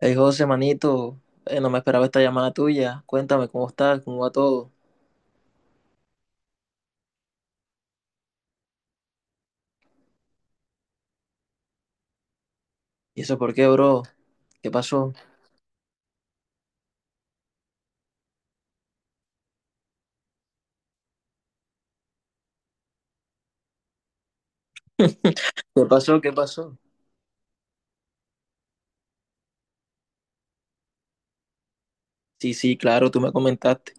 Hey José, manito, no me esperaba esta llamada tuya. Cuéntame cómo estás, cómo va todo. ¿Y eso por qué, bro? ¿Qué pasó? ¿Qué pasó? ¿Qué pasó? Sí, sí, claro, tú me comentaste.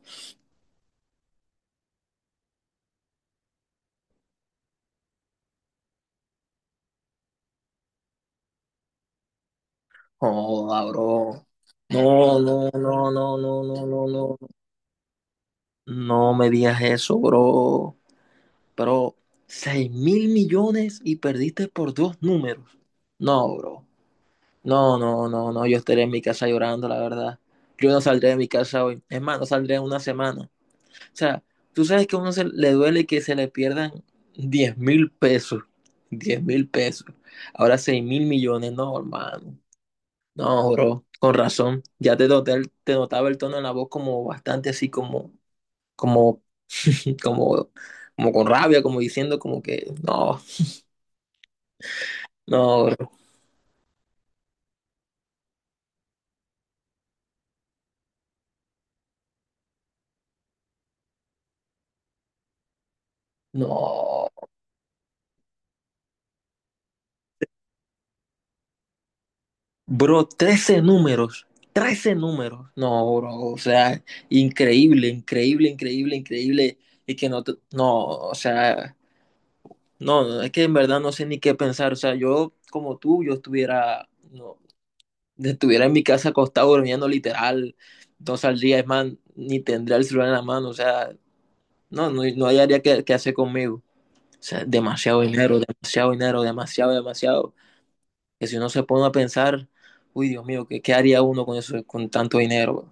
Joda, bro. No, no, no, no, no, no, no, no. No me digas eso, bro. Pero, 6 mil millones y perdiste por dos números. No, bro. No, no, no, no. Yo estaré en mi casa llorando, la verdad. Yo no saldré de mi casa hoy. Es más, no saldré en una semana. O sea, tú sabes que a uno se le duele que se le pierdan 10 mil pesos. Diez mil pesos. Ahora 6 mil millones. No, hermano. No, bro. Con razón. Ya te noté el- te notaba el tono en la voz como bastante así como, como, como, como con rabia, como diciendo como que no, no, bro. No. Bro, 13 números. Trece números. No, bro. O sea, increíble, increíble, increíble, increíble. Y que no, te- no, o sea. No, es que en verdad no sé ni qué pensar. O sea, yo como tú, yo estuviera, no, estuviera en mi casa acostado durmiendo literal no saldría, es más, ni tendría el celular en la mano. O sea, no, no, no hallaría qué, qué hacer conmigo. O sea, demasiado dinero, demasiado dinero, demasiado, demasiado. Que si uno se pone a pensar, uy, Dios mío, ¿qué, qué haría uno con eso, con tanto dinero, bro?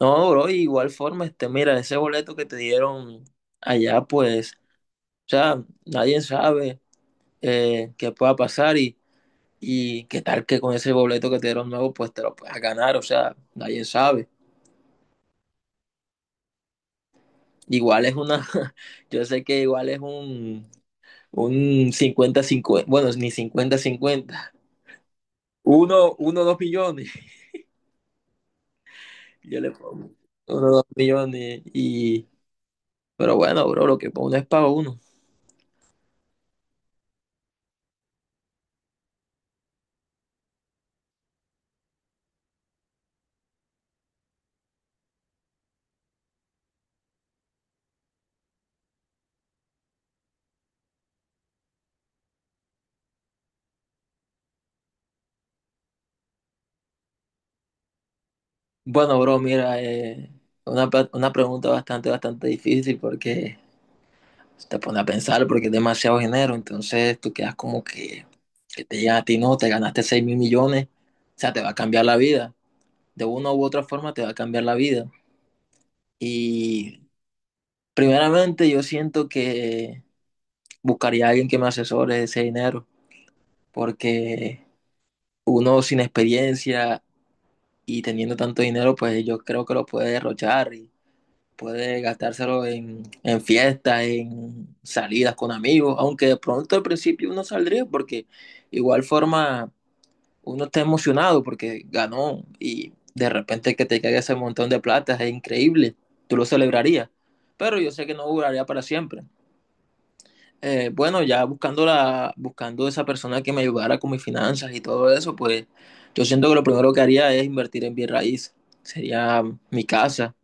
No, bro, y igual forma, este, mira, ese boleto que te dieron allá, pues, o sea, nadie sabe qué pueda pasar. Y qué tal que con ese boleto que te dieron nuevo, pues te lo puedas ganar, o sea, nadie sabe. Igual es una, yo sé que igual es un cincuenta 50, bueno, ni cincuenta cincuenta. Uno, uno, dos millones, yo le pongo. Uno, dos millones y... Pero bueno, bro, lo que uno es para uno. Bueno, bro, mira, una, pa- una pregunta bastante, bastante difícil porque te pone a pensar porque es demasiado dinero, entonces tú quedas como que te digan a ti, no, te ganaste 6 mil millones, o sea, te va a cambiar la vida. De una u otra forma te va a cambiar la vida. Y primeramente yo siento que buscaría a alguien que me asesore ese dinero, porque uno sin experiencia y teniendo tanto dinero, pues yo creo que lo puede derrochar y puede gastárselo en fiestas, en salidas con amigos, aunque de pronto al principio uno saldría, porque igual forma uno está emocionado porque ganó y de repente que te caiga ese montón de plata es increíble, tú lo celebrarías, pero yo sé que no duraría para siempre. Bueno, ya buscando, la, buscando esa persona que me ayudara con mis finanzas y todo eso, pues yo siento que lo primero que haría es invertir en bien raíz. Sería mi casa,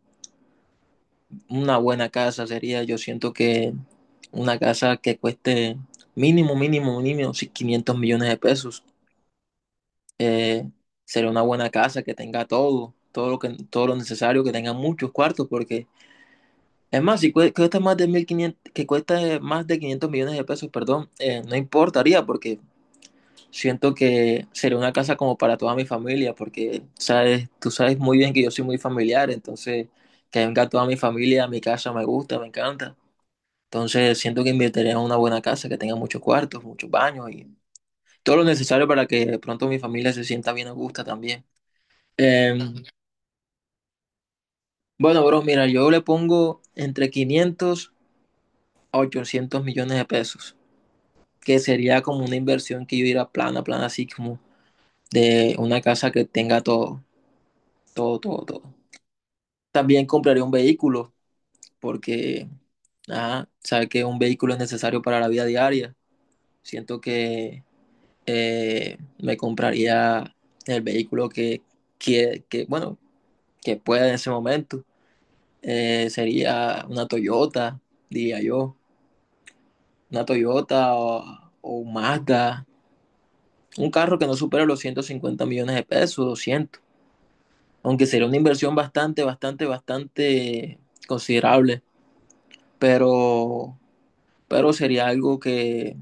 una buena casa sería, yo siento que una casa que cueste mínimo, mínimo, mínimo sí, 500 millones de pesos. eh, sería una buena casa que tenga todo, todo lo que, todo lo necesario, que tenga muchos cuartos, porque es más, si cue- cuesta más de 1.500, que cuesta más de 500 millones de pesos, perdón, no importaría, porque siento que sería una casa como para toda mi familia, porque sabes, tú sabes muy bien que yo soy muy familiar, entonces que venga toda mi familia a mi casa me gusta, me encanta. Entonces siento que invertiría en una buena casa que tenga muchos cuartos, muchos baños y todo lo necesario para que de pronto mi familia se sienta bien a gusto también. Eh, Bueno, bro, mira, yo le pongo entre 500 a 800 millones de pesos, que sería como una inversión que yo diría plana, plana, así como de una casa que tenga todo, todo, todo, todo. También compraría un vehículo, porque, ajá, sabe que un vehículo es necesario para la vida diaria. Siento que me compraría el vehículo que, bueno, que pueda en ese momento. Sería una Toyota, diría yo una Toyota o un Mazda, un carro que no supera los 150 millones de pesos, doscientos, aunque sería una inversión bastante, bastante, bastante considerable, pero, pero sería algo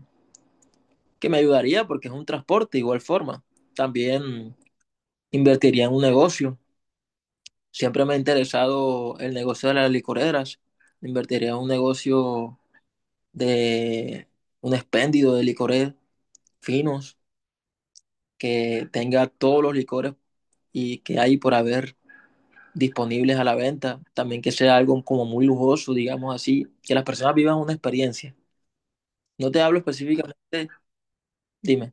que me ayudaría porque es un transporte de igual forma. También invertiría en un negocio. Siempre me ha interesado el negocio de las licoreras. Invertiría en un negocio de un expendio de licores finos que tenga todos los licores y que hay por haber disponibles a la venta, también que sea algo como muy lujoso, digamos así, que las personas vivan una experiencia. No te hablo específicamente, dime.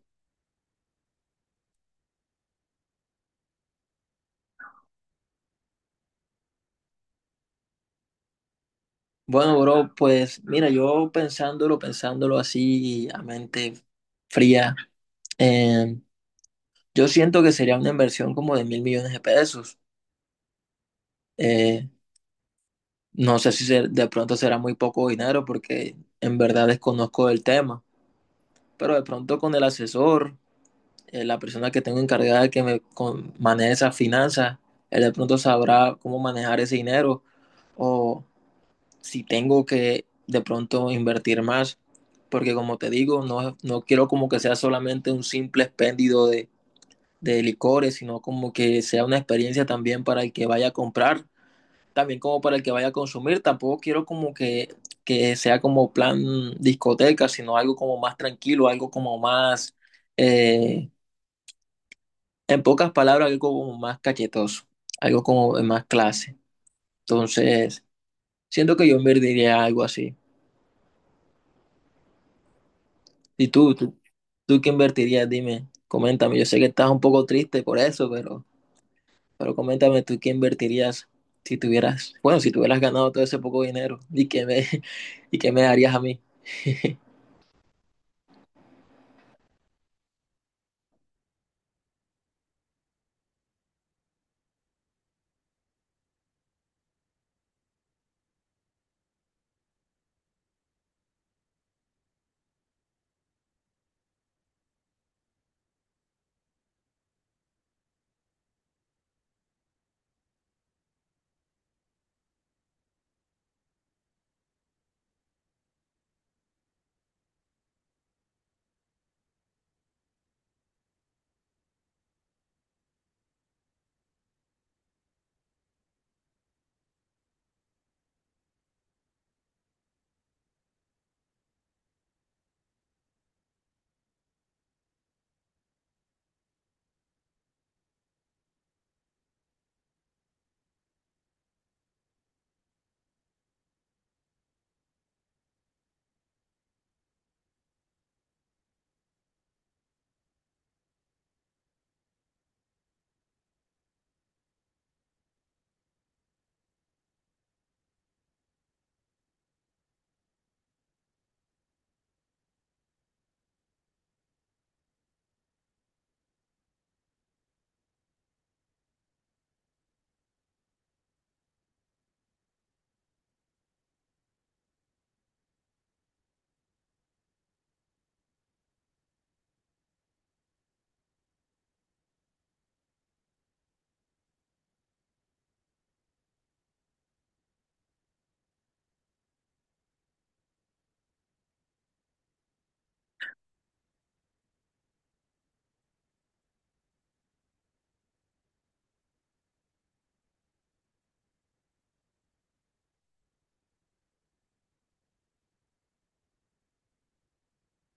Bueno, bro, pues mira, yo pensándolo, pensándolo así a mente fría, eh, yo siento que sería una inversión como de mil millones de pesos. Eh, no sé si se- de pronto será muy poco dinero porque en verdad desconozco el tema, pero de pronto con el asesor la persona que tengo encargada de que me con- maneje esas finanzas, él de pronto sabrá cómo manejar ese dinero o si tengo que de pronto invertir más, porque como te digo, no, no quiero como que sea solamente un simple expendio de licores, sino como que sea una experiencia también para el que vaya a comprar, también como para el que vaya a consumir, tampoco quiero como que sea como plan discoteca, sino algo como más tranquilo, algo como más... eh, en pocas palabras, algo como más cachetoso, algo como de más clase. Entonces, siento que yo invertiría algo así. ¿Y tú qué invertirías? Dime, coméntame. Yo sé que estás un poco triste por eso, pero coméntame tú qué invertirías si tuvieras, bueno, si tuvieras ganado todo ese poco dinero y qué me, y qué me darías a mí.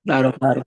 Claro, claro.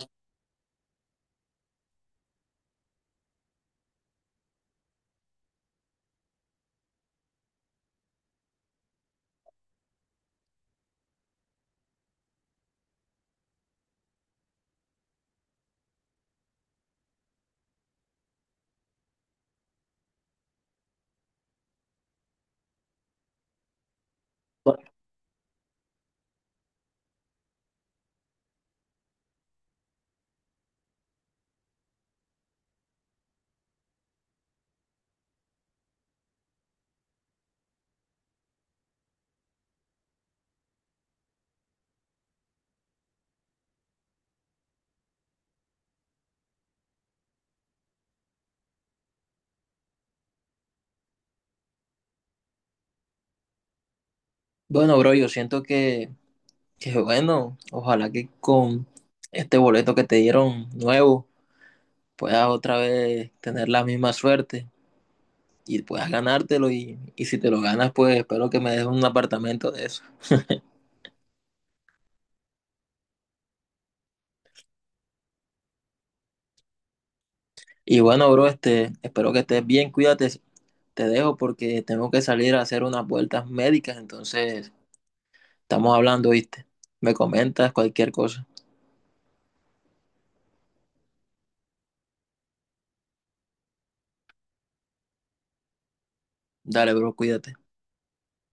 Bueno, bro, yo siento que bueno, ojalá que con este boleto que te dieron nuevo puedas otra vez tener la misma suerte y puedas ganártelo y si te lo ganas, pues espero que me des un apartamento de eso. Y bueno, bro, este, espero que estés bien, cuídate, te dejo porque tengo que salir a hacer unas vueltas médicas, entonces estamos hablando, ¿viste? Me comentas cualquier cosa. Dale, bro, cuídate.